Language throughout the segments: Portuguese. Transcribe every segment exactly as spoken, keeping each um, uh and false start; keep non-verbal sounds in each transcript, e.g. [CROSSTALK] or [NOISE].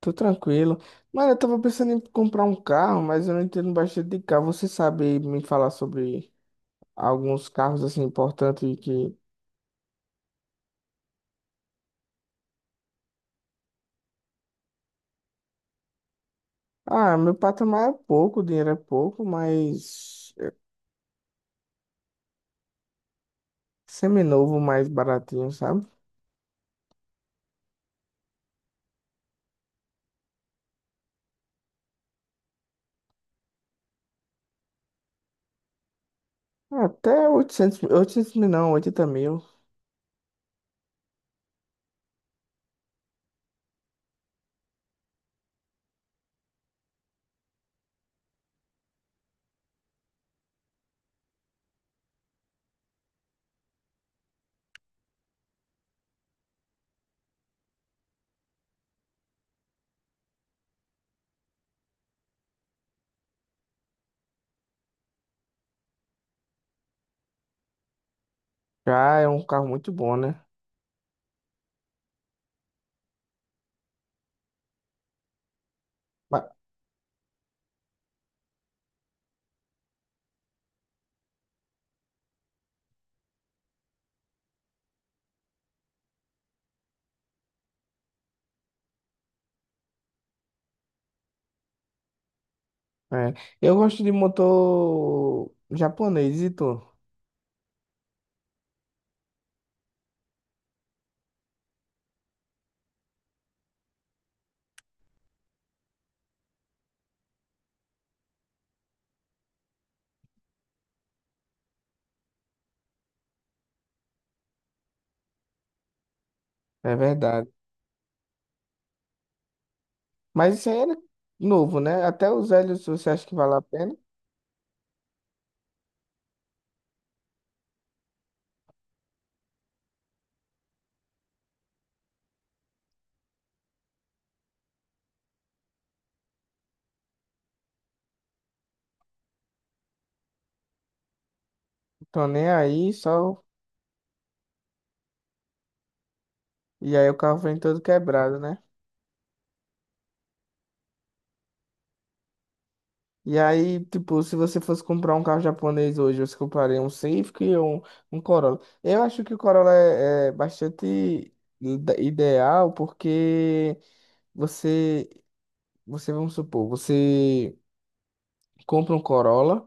Tô tranquilo. Mano, eu tava pensando em comprar um carro, mas eu não entendo bastante de carro. Você sabe me falar sobre alguns carros assim importantes que. Ah, meu patamar é pouco, o dinheiro é pouco, mas é seminovo mais baratinho, sabe? Até oitocentos mil- oitocentos mil não, oitenta mil. Já é um carro muito bom, né? Ba- é. Eu gosto de motor japonês e tu, é verdade. Mas isso aí era novo, né? Até os velhos, você acha que vale a pena? Tô nem aí, só. E aí o carro vem todo quebrado, né? E aí, tipo, se você fosse comprar um carro japonês hoje, você compraria um Civic ou um, um Corolla? Eu acho que o Corolla é, é bastante ide- ideal porque você, você, vamos supor, você compra um Corolla.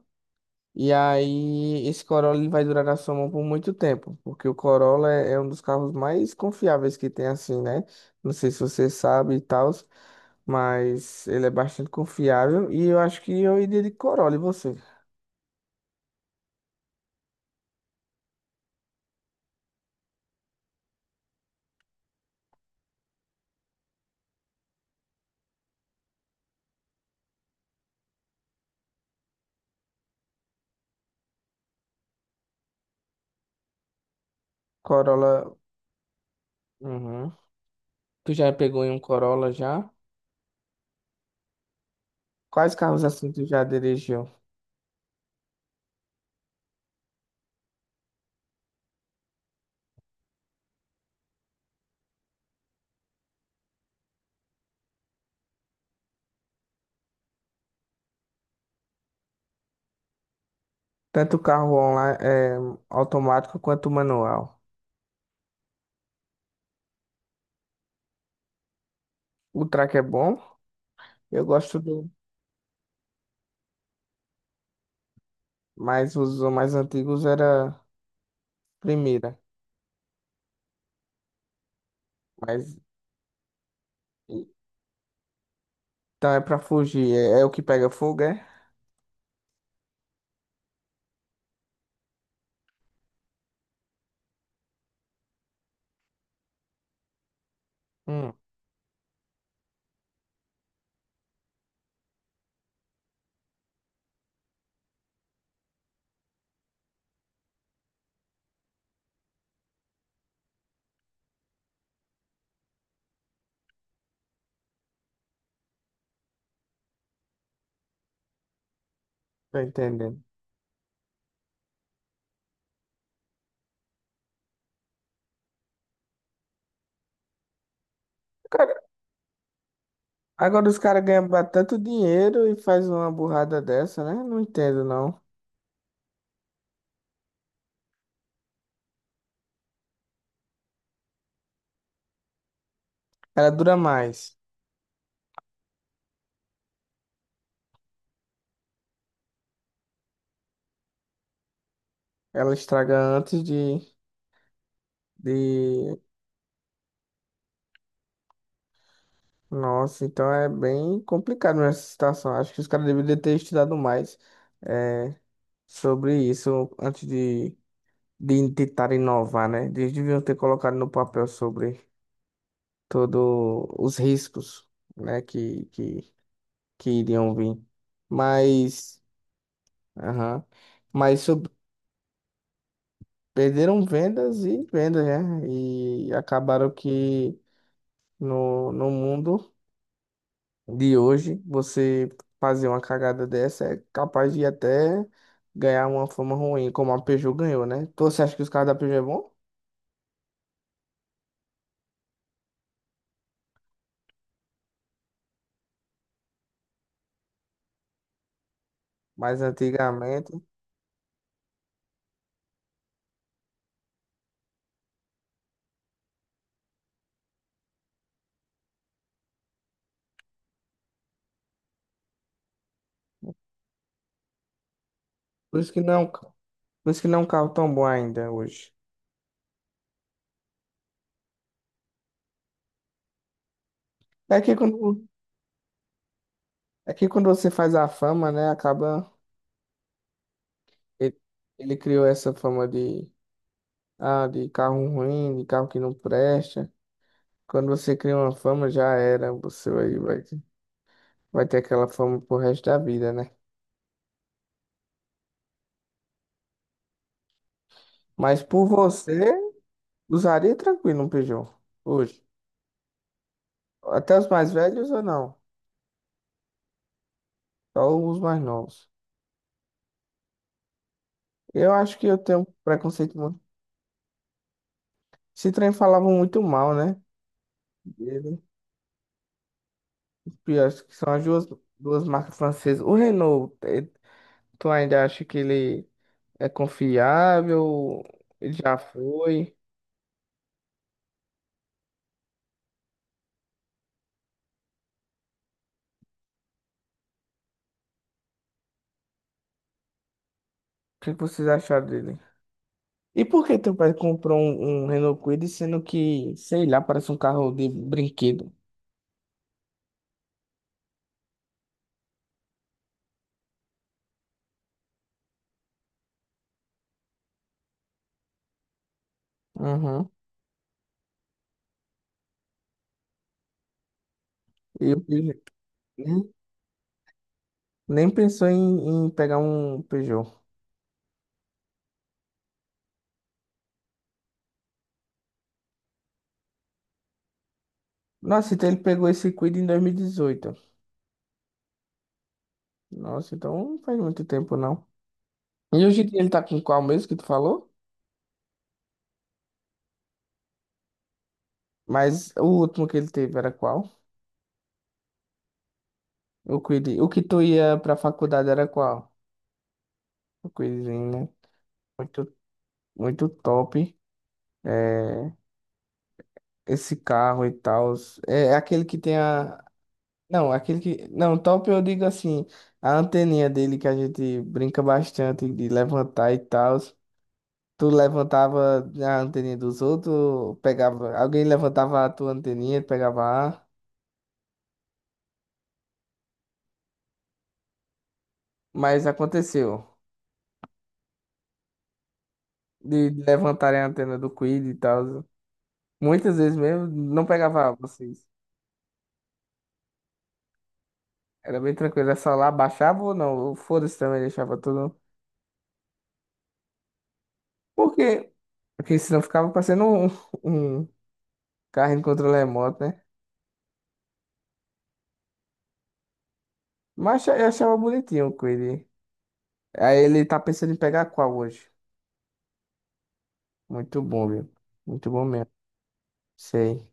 E aí, esse Corolla ele vai durar na sua mão por muito tempo, porque o Corolla é, é um dos carros mais confiáveis que tem, assim, né? Não sei se você sabe e tal, mas ele é bastante confiável e eu acho que eu iria de Corolla, e você? Corolla, uhum. Tu já pegou em um Corolla já? Quais carros assim tu já dirigiu? Tanto carro online, é, automático quanto manual. O Track é bom, eu gosto do, mas os mais antigos era primeira, mas então é pra fugir, é, é o que pega fogo, é? Hum, tô entendendo. Cara, agora os caras ganham ba- tanto dinheiro e faz uma burrada dessa, né? Não entendo, não. Ela dura mais. Ela estraga antes de, de... Nossa, então é bem complicado nessa situação. Acho que os caras deveriam ter estudado mais é, sobre isso antes de, de tentar inovar, né? Eles deviam ter colocado no papel sobre todos os riscos, né? Que, que que iriam vir. Mas, aham, mas sub- perderam vendas e vendas, né? E acabaram que no, no mundo de hoje, você fazer uma cagada dessa é capaz de até ganhar uma fama ruim, como a Peugeot ganhou, né? Então, você acha que os carros da Peugeot é bom? Mas antigamente, por isso que não, é um ca- por isso que não é um carro tão bom ainda hoje. É que quando, é que quando você faz a fama, né, acaba ele ele criou essa fama de ah, de carro ruim, de carro que não presta. Quando você cria uma fama, já era. Você vai, vai, vai ter aquela fama pro resto da vida, né? Mas por você, usaria tranquilo um Peugeot. Hoje. Até os mais velhos ou não? Só os mais novos. Eu acho que eu tenho um preconceito muito. Esse trem falava muito mal, né? Dele. E acho que são as duas, duas marcas francesas. O Renault, eh, tu ainda acha que ele é confiável? Ele já foi. O que que vocês acharam dele? E por que teu pai comprou um, um Renault Kwid, sendo que, sei lá, parece um carro de brinquedo? Uhum. E o Peugeot, nem, nem pensou em, em pegar um Peugeot. Nossa, então ele pegou esse Kwid em dois mil e dezoito. Nossa, então não faz muito tempo, não. E hoje em dia ele tá com qual mesmo que tu falou? Mas o último que ele teve era qual? O Kwid. O que tu ia pra faculdade era qual? O Kwidzinho, né? Muito, muito top. É, esse carro e tal. É, é aquele que tem a. Não, aquele que. Não, top eu digo assim, a anteninha dele que a gente brinca bastante de levantar e tal. Tu levantava a anteninha dos outros, ou pegava. Alguém levantava a tua anteninha, pegava a. Mas aconteceu. De levantarem a antena do Quid e tal. Muitas vezes mesmo, não pegava A, vocês. Era bem tranquilo, era só lá, baixava ou não. Foda-se também, deixava tudo. Porque, porque senão ficava parecendo um, [LAUGHS] carrinho de controle remoto, né? Mas eu achava bonitinho o Quid. Aí ele tá pensando em pegar qual hoje? Muito bom, viu? Muito bom mesmo. Sei.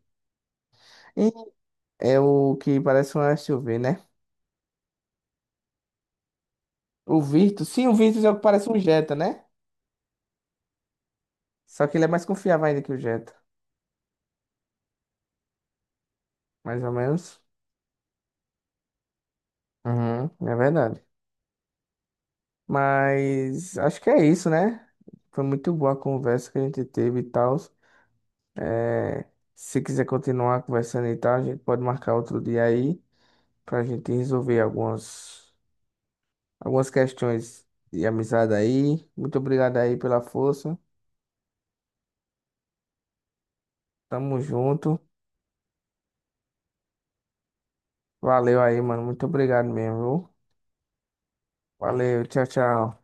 E é o que parece um S U V, né? O Virtus. Sim, o Virtus é o que parece um Jetta, né? Só que ele é mais confiável ainda que o Jetta. Mais ou menos. Uhum, é verdade. Mas acho que é isso, né? Foi muito boa a conversa que a gente teve e tal. É, se quiser continuar conversando e tal, a gente pode marcar outro dia aí. Pra gente resolver algumas, algumas questões de amizade aí. Muito obrigado aí pela força. Tamo junto. Valeu aí, mano. Muito obrigado mesmo, viu? Valeu, tchau, tchau.